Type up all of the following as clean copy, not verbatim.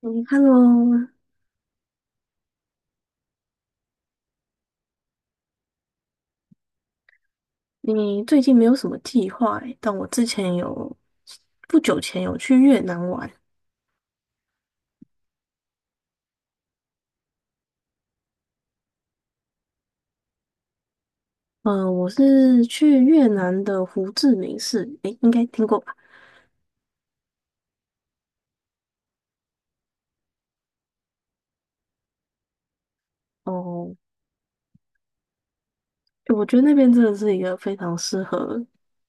嗯 h e 你最近没有什么计划欸，但我之前有，不久前有去越南玩。嗯，我是去越南的胡志明市，诶，应该听过吧？哦，我觉得那边真的是一个非常适合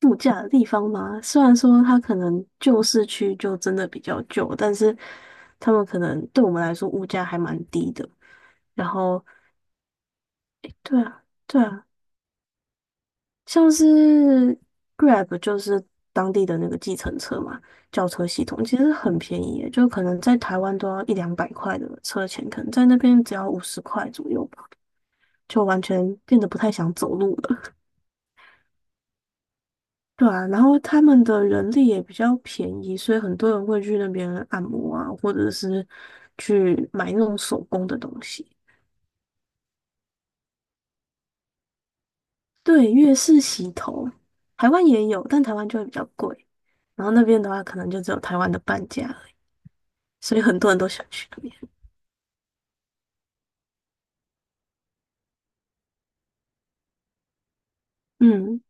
度假的地方嘛。虽然说它可能旧市区就真的比较旧，但是他们可能对我们来说物价还蛮低的。然后，对啊。对啊，像是 Grab 就是当地的那个计程车嘛，轿车系统其实很便宜耶，就可能在台湾都要一两百块的车钱，可能在那边只要50块左右吧，就完全变得不太想走路了。对啊，然后他们的人力也比较便宜，所以很多人会去那边按摩啊，或者是去买那种手工的东西。对，越式洗头，台湾也有，但台湾就会比较贵。然后那边的话，可能就只有台湾的半价。所以很多人都想去那边。嗯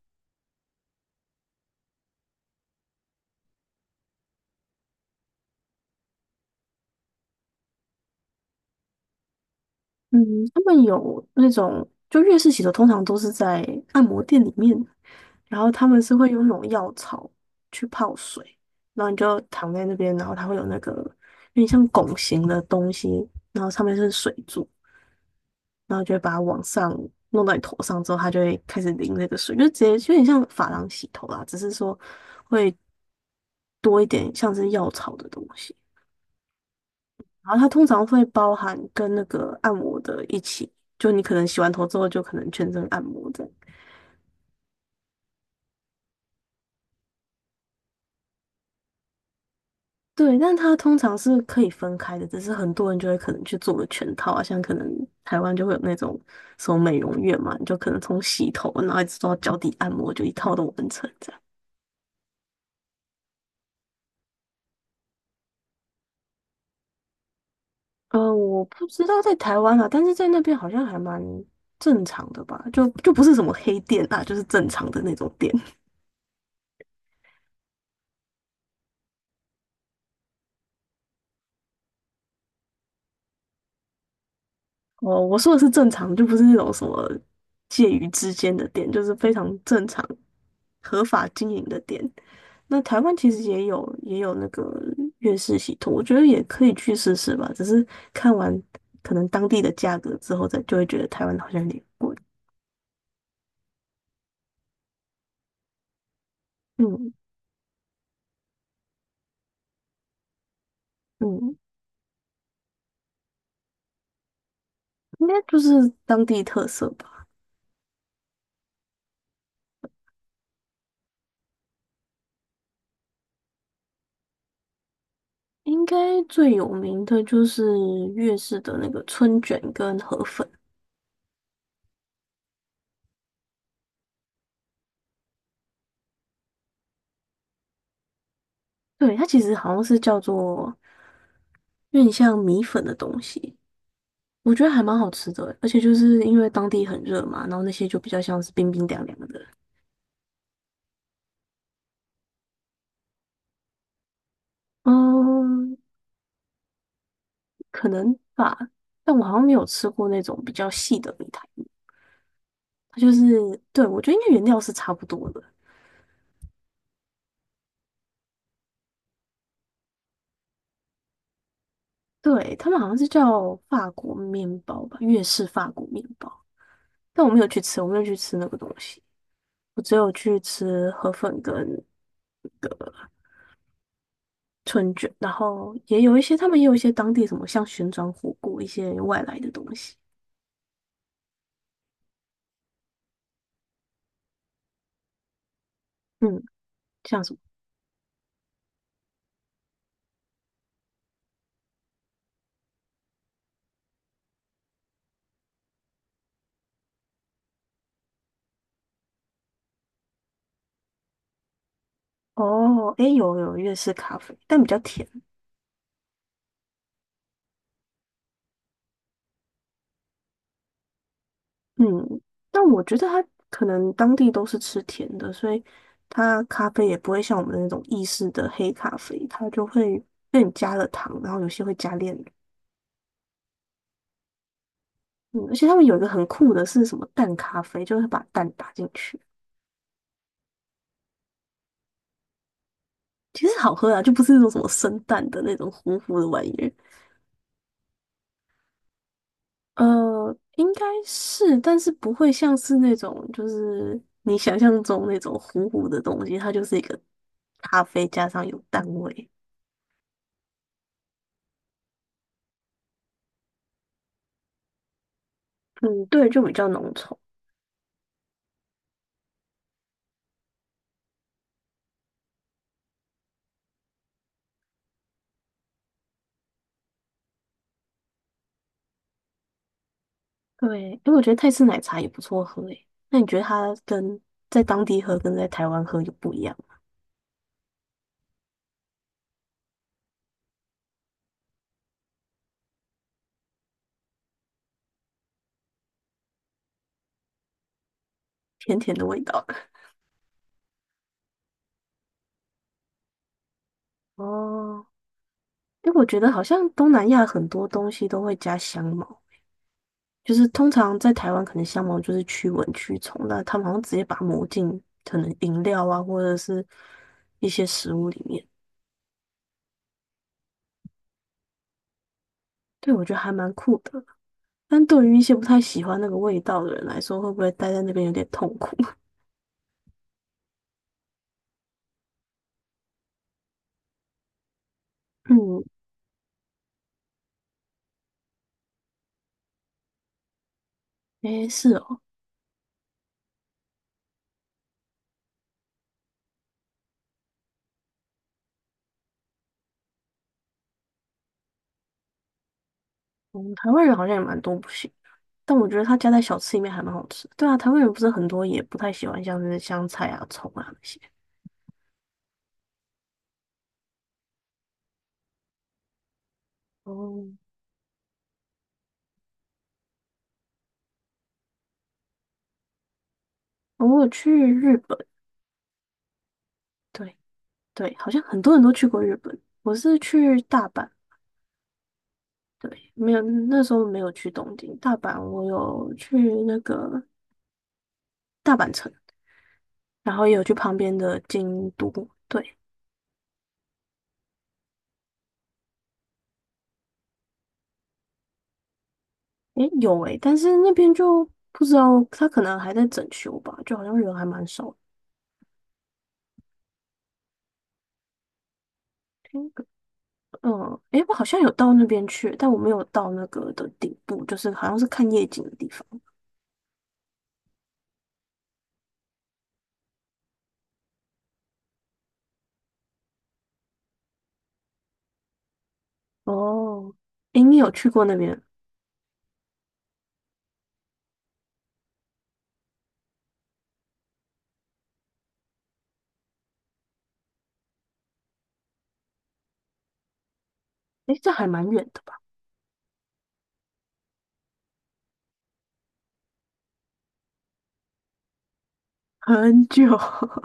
嗯，他们有那种，就粤式洗头通常都是在按摩店里面，然后他们是会用那种药草去泡水，然后你就躺在那边，然后它会有那个有点像拱形的东西，然后上面是水柱，然后就会把它往上弄到你头上之后，它就会开始淋那个水，就直接有点像发廊洗头啦，只是说会多一点像是药草的东西。然后它通常会包含跟那个按摩的一起，就你可能洗完头之后就可能全身按摩这样。对，但它通常是可以分开的，只是很多人就会可能去做个全套啊，像可能台湾就会有那种什么美容院嘛，你就可能从洗头然后一直做到脚底按摩，就一套都完成这样。我不知道在台湾啊，但是在那边好像还蛮正常的吧，就不是什么黑店啊，就是正常的那种店。哦，我说的是正常，就不是那种什么介于之间的店，就是非常正常、合法经营的店。那台湾其实也有那个粤式洗头，我觉得也可以去试试吧。只是看完可能当地的价格之后，再就会觉得台湾好像有点贵。嗯嗯，应该就是当地特色吧。应该最有名的就是粤式的那个春卷跟河粉，对，它其实好像是叫做有点像米粉的东西。我觉得还蛮好吃的欸，而且就是因为当地很热嘛，然后那些就比较像是冰冰凉凉的。嗯，可能吧。但我好像没有吃过那种比较细的米苔目，它就是，对，我觉得应该原料是差不多的。对，他们好像是叫法国面包吧，粤式法国面包。但我没有去吃，我没有去吃那个东西，我只有去吃河粉跟那个春卷，然后也有一些他们也有一些当地什么像旋转火锅一些外来的东西。嗯。像什么。哦，诶，有有粤式咖啡，但比较甜。嗯，但我觉得它可能当地都是吃甜的，所以它咖啡也不会像我们那种意式的黑咖啡，它就会更加了糖，然后有些会加炼乳。嗯，而且他们有一个很酷的是什么蛋咖啡，就是把蛋打进去，其实好喝啊，就不是那种什么生蛋的那种糊糊的玩意儿。应该是，但是不会像是那种，就是你想象中那种糊糊的东西，它就是一个咖啡加上有蛋味。嗯，对，就比较浓稠。对，因为我觉得泰式奶茶也不错喝诶。那你觉得它跟在当地喝跟在台湾喝有不一样吗？甜甜的味道。哦，因为我觉得好像东南亚很多东西都会加香茅，就是通常在台湾可能香茅就是驱蚊驱虫，那他们好像直接把它抹进可能饮料啊或者是一些食物里面，对，我觉得还蛮酷的。但对于一些不太喜欢那个味道的人来说，会不会待在那边有点痛苦？嗯，诶，是哦，嗯，台湾人好像也蛮多不行，但我觉得他加在小吃里面还蛮好吃。对啊，台湾人不是很多也不太喜欢像是香菜啊、葱啊那些。哦，我有去日本。对对，好像很多人都去过日本。我是去大阪，对，没有，那时候没有去东京，大阪我有去那个大阪城，然后也有去旁边的京都。对，诶，有诶，但是那边就不知道，他可能还在整修吧，就好像人还蛮少的。听个嗯，诶，我好像有到那边去，但我没有到那个的顶部，就是好像是看夜景的地方。哦，诶，你有去过那边？诶，这还蛮远的吧？很久。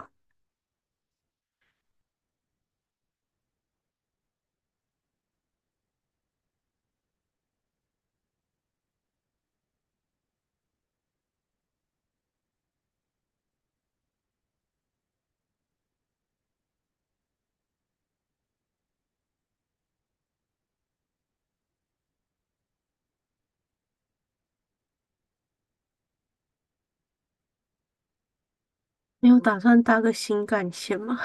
你有打算搭个新干线吗？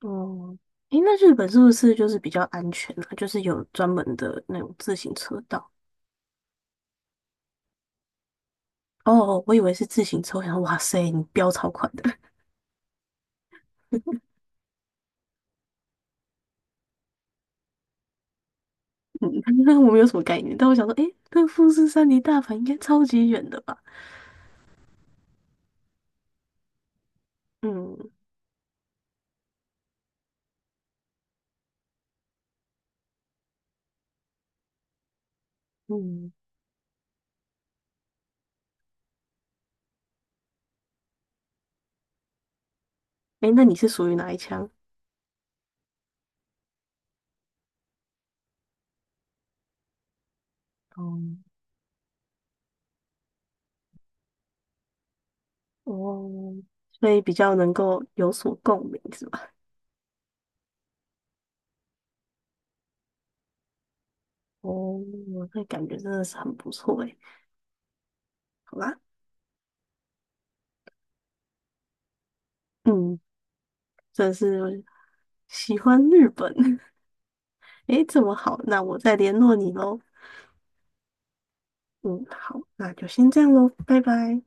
哦，诶，那日本是不是就是比较安全啊？就是有专门的那种自行车道。哦，哦，我以为是自行车，我想说哇塞，你飙超快的。那我没有什么概念。但我想说，诶，那富士山离大阪应该超级远的吧？嗯嗯，诶，那你是属于哪一枪？哦哦，所以比较能够有所共鸣是吧？哦，那感觉真的是很不错诶。好吧，嗯，真的是喜欢日本。诶，这么好，那我再联络你喽。嗯，好，那就先这样喽，拜拜。